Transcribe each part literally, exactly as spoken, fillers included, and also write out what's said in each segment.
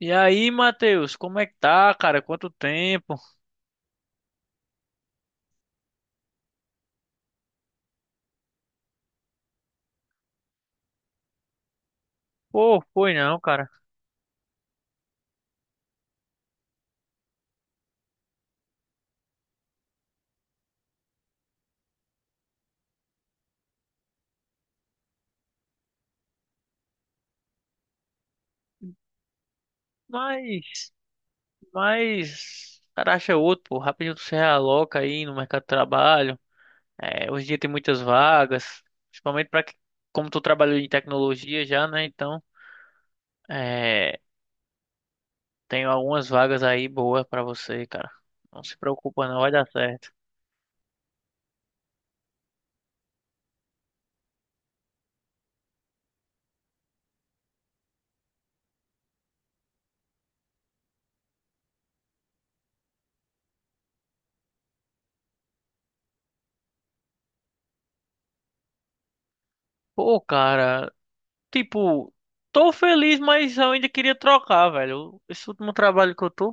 E aí, Matheus, como é que tá, cara? Quanto tempo? Pô, foi não, cara. Mas, mas, o cara acha outro, pô. Rapidinho tu se realoca aí no mercado de trabalho. É, hoje em dia tem muitas vagas, principalmente pra que, como tu trabalhou em tecnologia já, né? Então, é, tem algumas vagas aí boas pra você, cara. Não se preocupa, não, vai dar certo. Pô, cara, tipo, tô feliz, mas eu ainda queria trocar, velho. Esse último trabalho que eu tô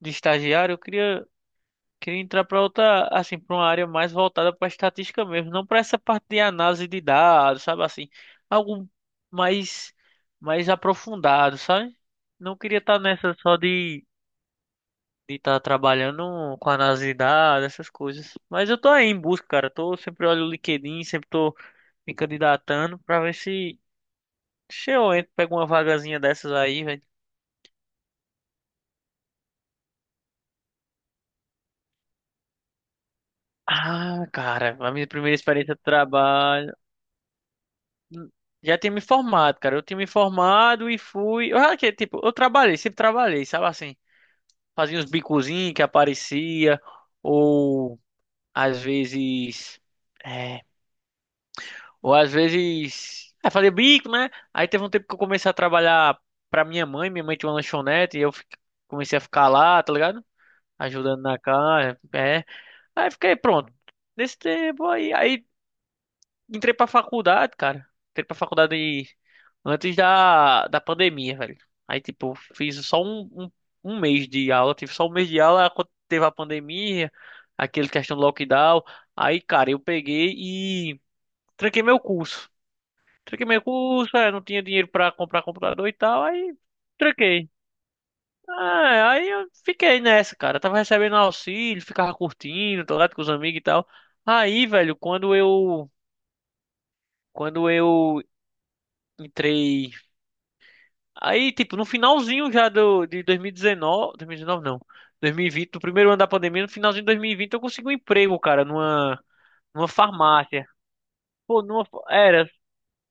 de estagiário, eu queria. Queria entrar para outra, assim, para uma área mais voltada para estatística mesmo, não para essa parte de análise de dados, sabe assim, algo mais mais aprofundado, sabe? Não queria estar nessa só de de estar trabalhando com análise de dados, essas coisas. Mas eu tô aí em busca, cara. Tô sempre olho o LinkedIn, sempre tô me candidatando para ver se se eu entro, pego uma vagazinha dessas aí, velho. Ah, cara, a minha primeira experiência de trabalho. Já tinha me formado, cara. Eu tinha me formado e fui. Eu, já que, tipo, eu trabalhei, sempre trabalhei, sabe assim? Fazia uns bicozinhos que aparecia, ou às vezes. É, ou às vezes. É, fazia bico, né? Aí teve um tempo que eu comecei a trabalhar pra minha mãe. Minha mãe tinha uma lanchonete e eu fi- comecei a ficar lá, tá ligado? Ajudando na casa. É. Aí fiquei pronto. Nesse tempo aí. Aí entrei pra faculdade, cara. Entrei pra faculdade antes da, da pandemia, velho. Aí, tipo, fiz só um, um, um mês de aula. Tive só um mês de aula quando teve a pandemia, aquele questão do lockdown. Aí, cara, eu peguei e tranquei meu curso. Tranquei meu curso, é, não tinha dinheiro pra comprar computador e tal, aí tranquei. Ah, aí eu fiquei nessa, cara. Tava recebendo auxílio, ficava curtindo, tô lá com os amigos e tal. Aí, velho, quando eu, quando eu entrei. Aí, tipo, no finalzinho já do, de dois mil e dezenove, dois mil e dezenove não, dois mil e vinte, do primeiro ano da pandemia, no finalzinho de dois mil e vinte eu consegui um emprego, cara, numa, numa farmácia. Pô, numa, era,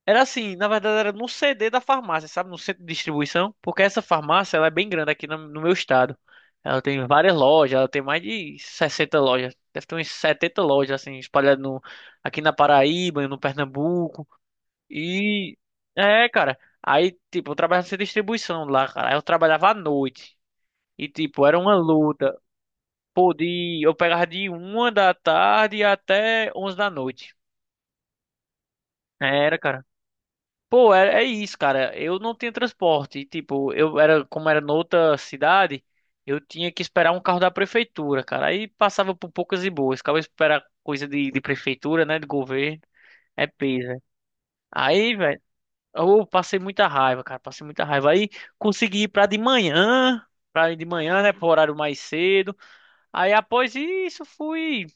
era assim, na verdade era no C D da farmácia, sabe, no centro de distribuição, porque essa farmácia, ela é bem grande aqui no, no meu estado. Ela tem várias lojas, ela tem mais de sessenta lojas, deve ter umas setenta lojas, assim, espalhadas no, aqui na Paraíba, no Pernambuco, e é, cara. Aí, tipo, eu trabalhava nessa distribuição lá, cara. Aí eu trabalhava à noite. E, tipo, era uma luta. Pô, de... eu pegava de uma da tarde até onze da noite. Era, cara. Pô, é, é isso, cara. Eu não tinha transporte. E, tipo, eu era, como era noutra cidade, eu tinha que esperar um carro da prefeitura, cara. Aí passava por poucas e boas. Ficava esperar coisa de, de prefeitura, né? De governo. É peso, né? Aí, velho. Eu passei muita raiva, cara, passei muita raiva. Aí consegui ir pra de manhã, pra ir de manhã, né, pro horário mais cedo. Aí após isso fui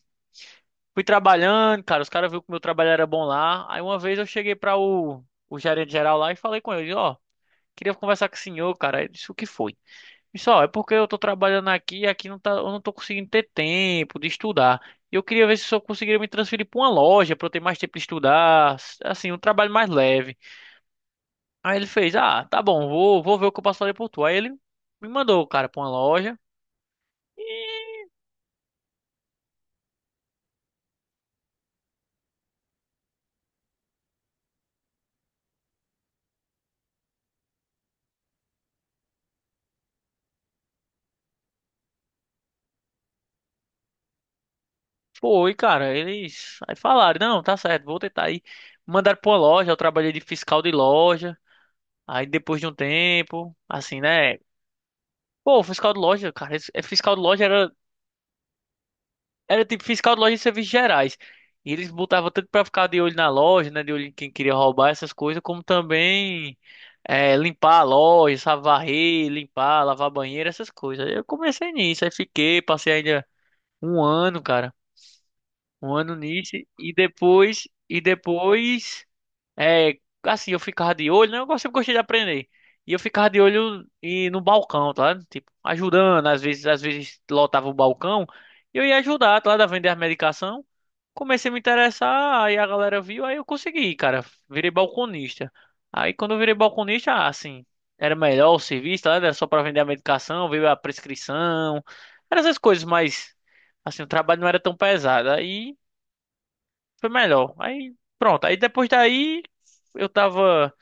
fui trabalhando, cara, os caras viram que o meu trabalho era bom lá. Aí uma vez eu cheguei pra o, o gerente geral lá e falei com ele, ó, queria conversar com o senhor, cara. Ele disse, o que foi? Isso, ó, é porque eu tô trabalhando aqui e aqui não tá, eu não tô conseguindo ter tempo de estudar. E eu queria ver se o senhor conseguiria me transferir pra uma loja pra eu ter mais tempo de estudar, assim, um trabalho mais leve. Aí ele fez, ah, tá bom, vou, vou ver o que eu posso fazer por tu. Aí ele me mandou, cara, pra uma loja. E foi, cara, eles aí falaram, não, tá certo, vou tentar aí. Mandaram pra uma loja, eu trabalhei de fiscal de loja. Aí depois de um tempo, assim, né? Pô, fiscal de loja, cara, esse- é, fiscal de loja era. Era tipo fiscal de loja e serviços gerais. E eles botavam tanto pra ficar de olho na loja, né? De olho em quem queria roubar essas coisas, como também eh, limpar a loja, sabe, varrer, limpar, lavar banheiro, essas coisas. Aí eu comecei nisso, aí fiquei, passei ainda um ano, cara. Um ano nisso. E depois, e depois é, assim, eu ficava de olho, né? Eu gosto- sempre gostei de aprender. E eu ficava de olho e no balcão, tá ligado? Tipo, ajudando, às vezes, às vezes lotava o balcão, e eu ia ajudar, tá ligado? A vender a medicação. Comecei a me interessar, aí a galera viu, aí eu consegui, cara. Virei balconista. Aí quando eu virei balconista, ah, assim, era melhor o serviço, tá ligado? Era só pra vender a medicação, veio a prescrição, eram essas coisas, mas assim, o trabalho não era tão pesado. Aí foi melhor. Aí, pronto. Aí depois daí, eu tava,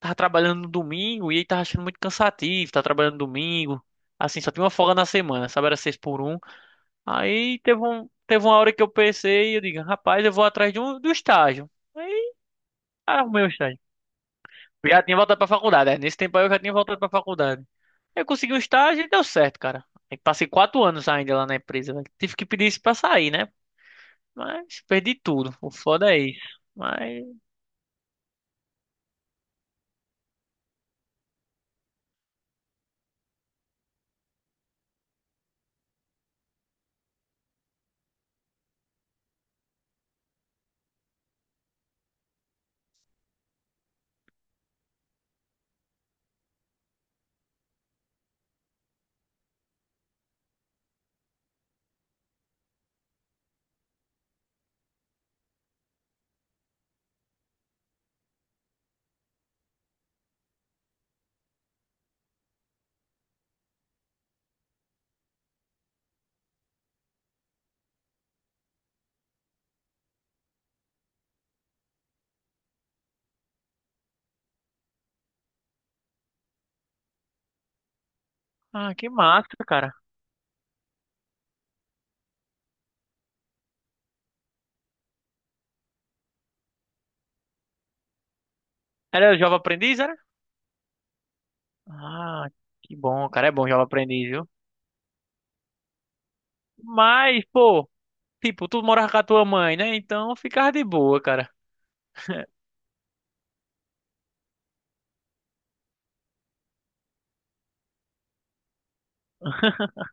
tava trabalhando no domingo e aí tava achando muito cansativo. Tava trabalhando no domingo. Assim, só tinha uma folga na semana, sabe? Era seis por um. Aí teve, um, teve uma hora que eu pensei, eu digo, rapaz, eu vou atrás de um, do estágio. Aí arrumei o estágio. Eu já tinha voltado pra faculdade, né? Nesse tempo aí eu já tinha voltado pra faculdade. Eu consegui um estágio e deu certo, cara. Aí passei quatro anos ainda lá na empresa, velho. Tive que pedir isso pra sair, né? Mas perdi tudo. O foda é isso. Mas ah, que massa, cara. Era Jovem Aprendiz, era? Ah, que bom, cara. É bom Jovem Aprendiz, viu? Mas, pô, tipo, tu morava com a tua mãe, né? Então ficava de boa, cara.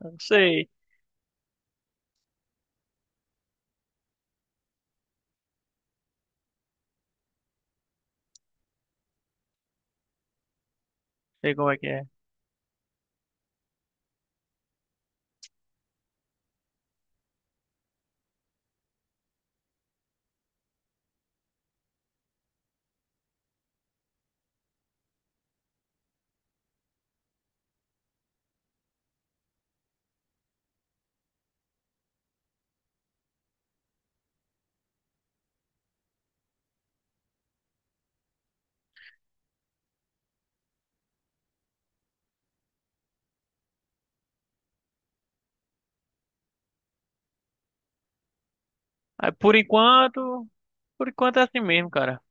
Não sei, sei como é que é. Aí, por enquanto, por enquanto é assim mesmo, cara.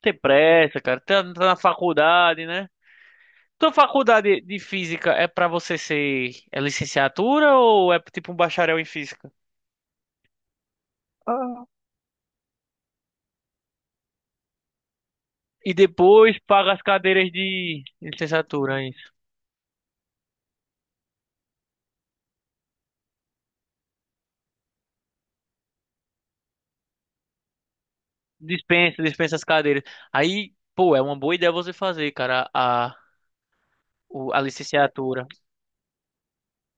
Tem pressa, cara. Tá, tá na faculdade, né? Tua faculdade de física é pra você ser é licenciatura ou é tipo um bacharel em física? Ah, e depois paga as cadeiras de licenciatura. Dispensa, dispensa as cadeiras. Aí, pô, é uma boa ideia você fazer, cara, a, o- a licenciatura.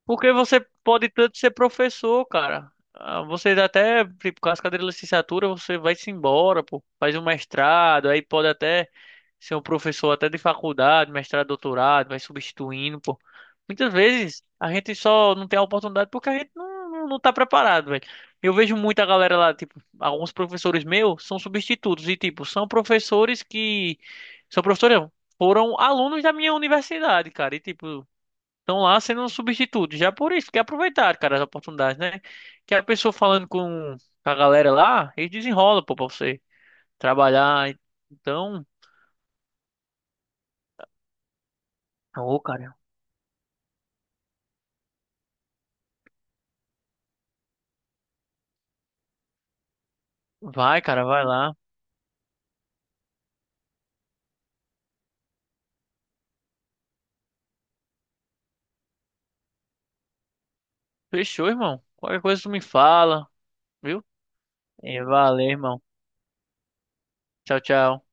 Porque você pode tanto ser professor, cara. Ah, você até, tipo, com as cadeiras de licenciatura, você vai-se embora, pô. Faz um mestrado, aí pode até ser um professor até de faculdade, mestrado, doutorado, vai substituindo, pô. Muitas vezes a gente só não tem a oportunidade porque a gente não, não, não tá preparado, velho. Eu vejo muita galera lá, tipo, alguns professores meus são substitutos e, tipo, são professores que... São professores, não, foram alunos da minha universidade, cara, e, tipo... Estão lá sendo um substituto, já por isso, que aproveitar, cara, as oportunidades, né? Que a pessoa falando com a galera lá, eles desenrolam, pô, pra você trabalhar. Então, ô, cara, vai, cara, vai lá. Fechou, irmão. Qualquer coisa tu me fala, viu? E valeu, irmão. Tchau, tchau.